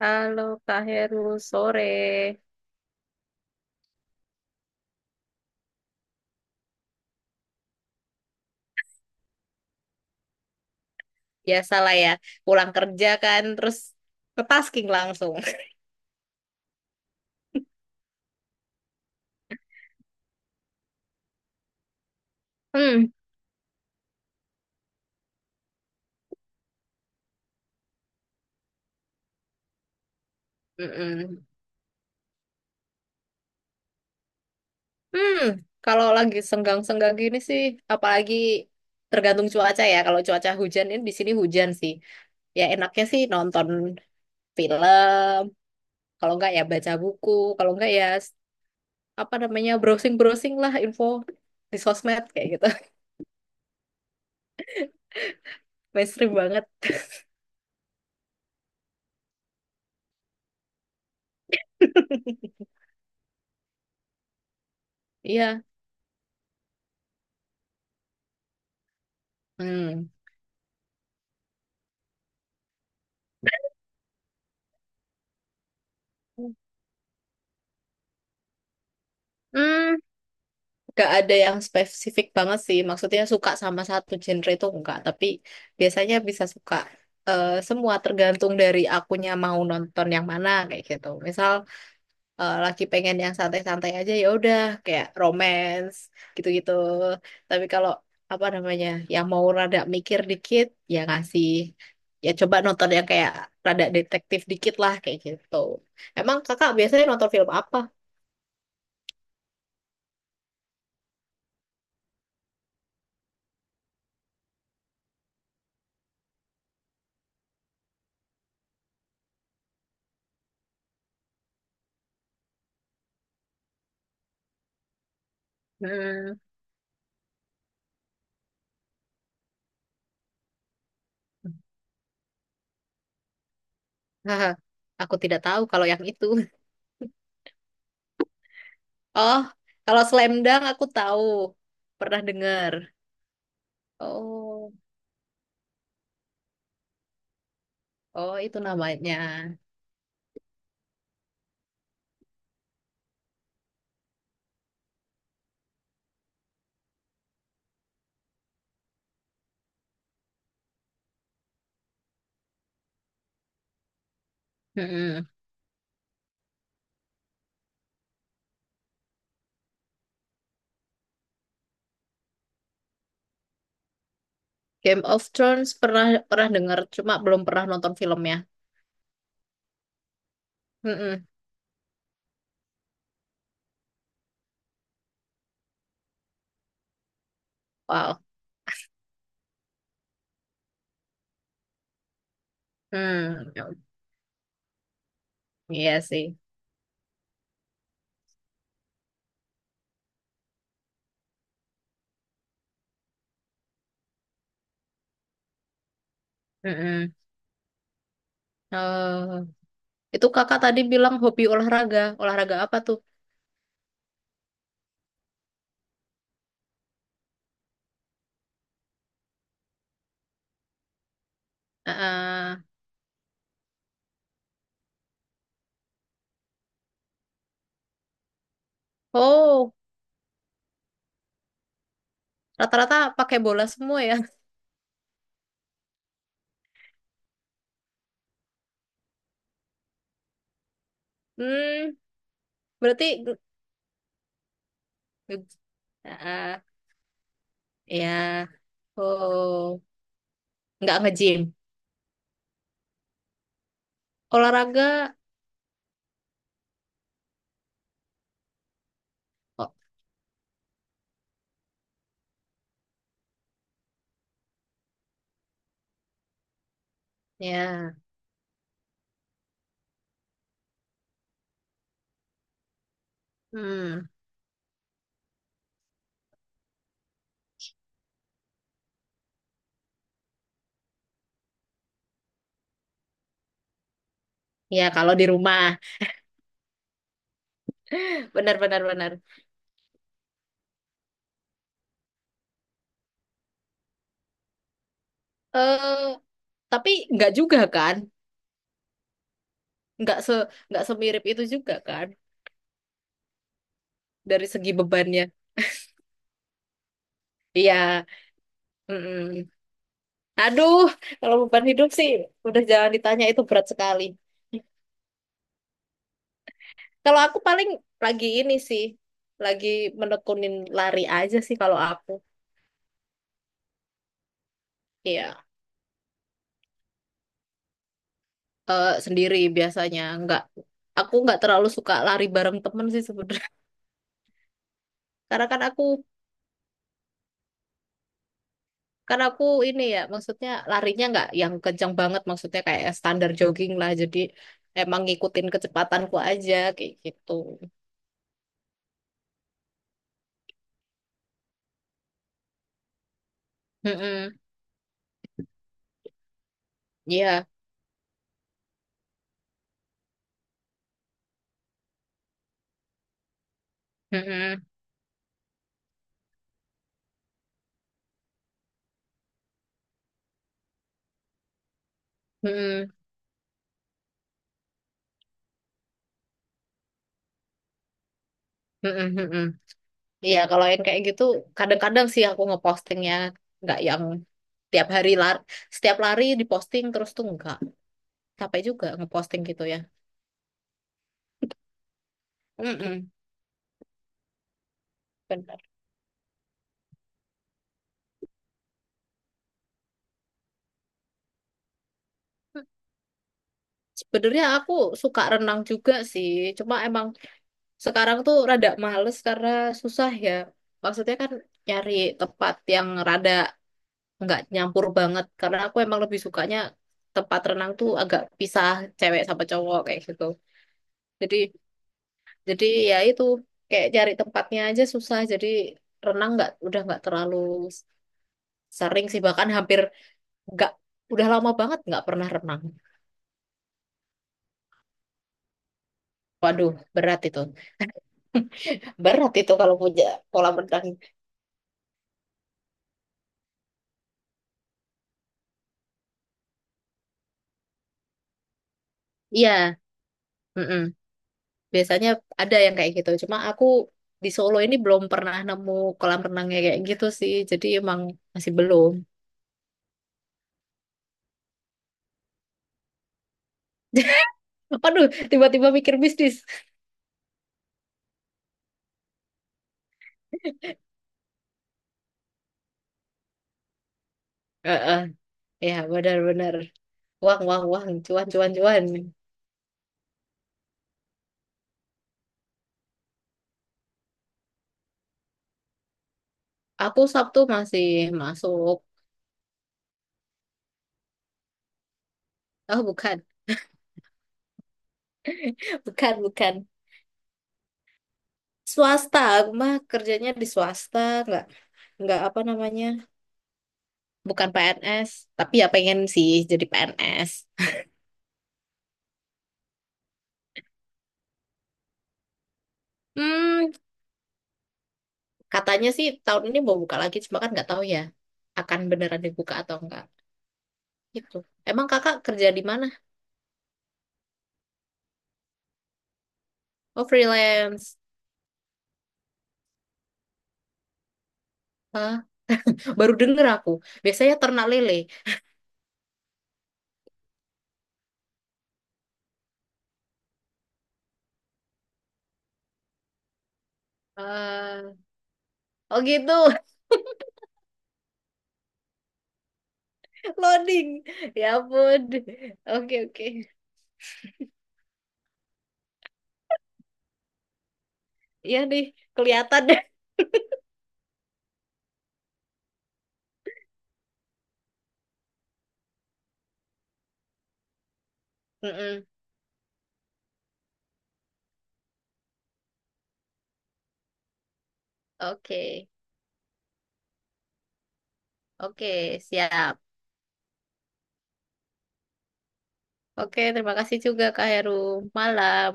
Halo Kak Heru, sore. Biasalah ya, pulang kerja kan, terus ke tasking langsung. Hmm. Mm-mm. Hmm, Kalau lagi senggang-senggang gini sih, apalagi tergantung cuaca ya. Kalau cuaca hujan ini di sini hujan sih. Ya enaknya sih nonton film, kalau enggak ya baca buku, kalau enggak ya s- apa namanya browsing-browsing lah info di sosmed kayak gitu. Mainstream banget. Iya. Hmm. Hmm. Gak ada yang spesifik banget sih. Maksudnya suka sama satu genre itu enggak. Tapi biasanya bisa suka semua tergantung dari akunya mau nonton yang mana kayak gitu. Misal lagi pengen yang santai-santai aja ya udah kayak romance gitu-gitu. Tapi kalau apa namanya yang mau rada mikir dikit ya ngasih ya coba nonton yang kayak rada detektif dikit lah kayak gitu. Emang kakak biasanya nonton film apa? Hmm. Aku tidak tahu kalau yang itu. Oh, kalau Slam Dunk aku tahu. Pernah dengar. Oh, oh itu namanya. Mm-mm. Game of Thrones pernah pernah dengar, cuma belum pernah nonton filmnya. Mm-mm. Wow. Hmm, iya sih. Mm-mm. Oh, itu kakak tadi bilang hobi olahraga. Olahraga apa tuh? Ah. Oh, rata-rata pakai bola semua ya. Hmm, berarti ah, ya. Oh, nggak nge-gym. Olahraga. Ya, hmm, ya kalau di rumah, benar-benar. Benar. Eh, tapi nggak juga kan? Nggak se nggak semirip itu juga kan? Dari segi bebannya. Iya. Mm-mm. Aduh, kalau beban hidup sih udah jangan ditanya itu berat sekali. Kalau aku paling lagi ini sih, lagi menekunin lari aja sih kalau aku. Iya, sendiri biasanya nggak. Aku nggak terlalu suka lari bareng temen sih sebenarnya. Karena kan aku Karena aku ini ya, maksudnya larinya nggak yang kencang banget, maksudnya kayak standar jogging lah. Jadi emang ngikutin kecepatanku aja kayak gitu. Mm-mm. Iya. Mm-mm. Mm-mm. Mm-mm. Mm-mm. Iya, kalau yang kayak gitu kadang-kadang sih aku ngepostingnya nggak yang tiap hari lari, setiap lari diposting terus tuh enggak. Capek juga ngeposting gitu ya. Mm-mm. Benar. Sebenarnya aku suka renang juga sih, cuma emang sekarang tuh rada males karena susah ya. Maksudnya kan nyari tempat yang rada nggak nyampur banget. Karena aku emang lebih sukanya tempat renang tuh agak pisah cewek sama cowok kayak gitu. Jadi jadi ya itu kayak cari tempatnya aja susah. Jadi renang nggak udah nggak terlalu sering sih bahkan hampir nggak udah lama banget nggak pernah renang. Waduh, berat itu. Berat itu kalau punya kolam renang. Iya, mm, biasanya ada yang kayak gitu. Cuma aku di Solo ini belum pernah nemu kolam renangnya kayak gitu sih. Jadi emang masih belum. Apa tuh tiba-tiba mikir bisnis. Heeh. Ya benar-benar. Uang, uang, uang. Cuan, cuan, cuan. Aku Sabtu masih masuk. Oh bukan, bukan, bukan. Swasta. Aku mah kerjanya di swasta. Nggak, nggak apa namanya. Bukan PNS. Tapi ya pengen sih jadi PNS. Hmm, katanya sih tahun ini mau buka lagi, cuma kan nggak tahu ya akan beneran dibuka atau enggak. Gitu. Emang kakak kerja di mana? Oh freelance. Ah, baru denger aku. Biasanya ternak lele. Ah, oh gitu, loading. Ya ampun. Oke oke. Iya nih, kelihatan deh. Mm-mm. Oke. Oke, siap. Oke, terima kasih juga Kak Heru. Malam.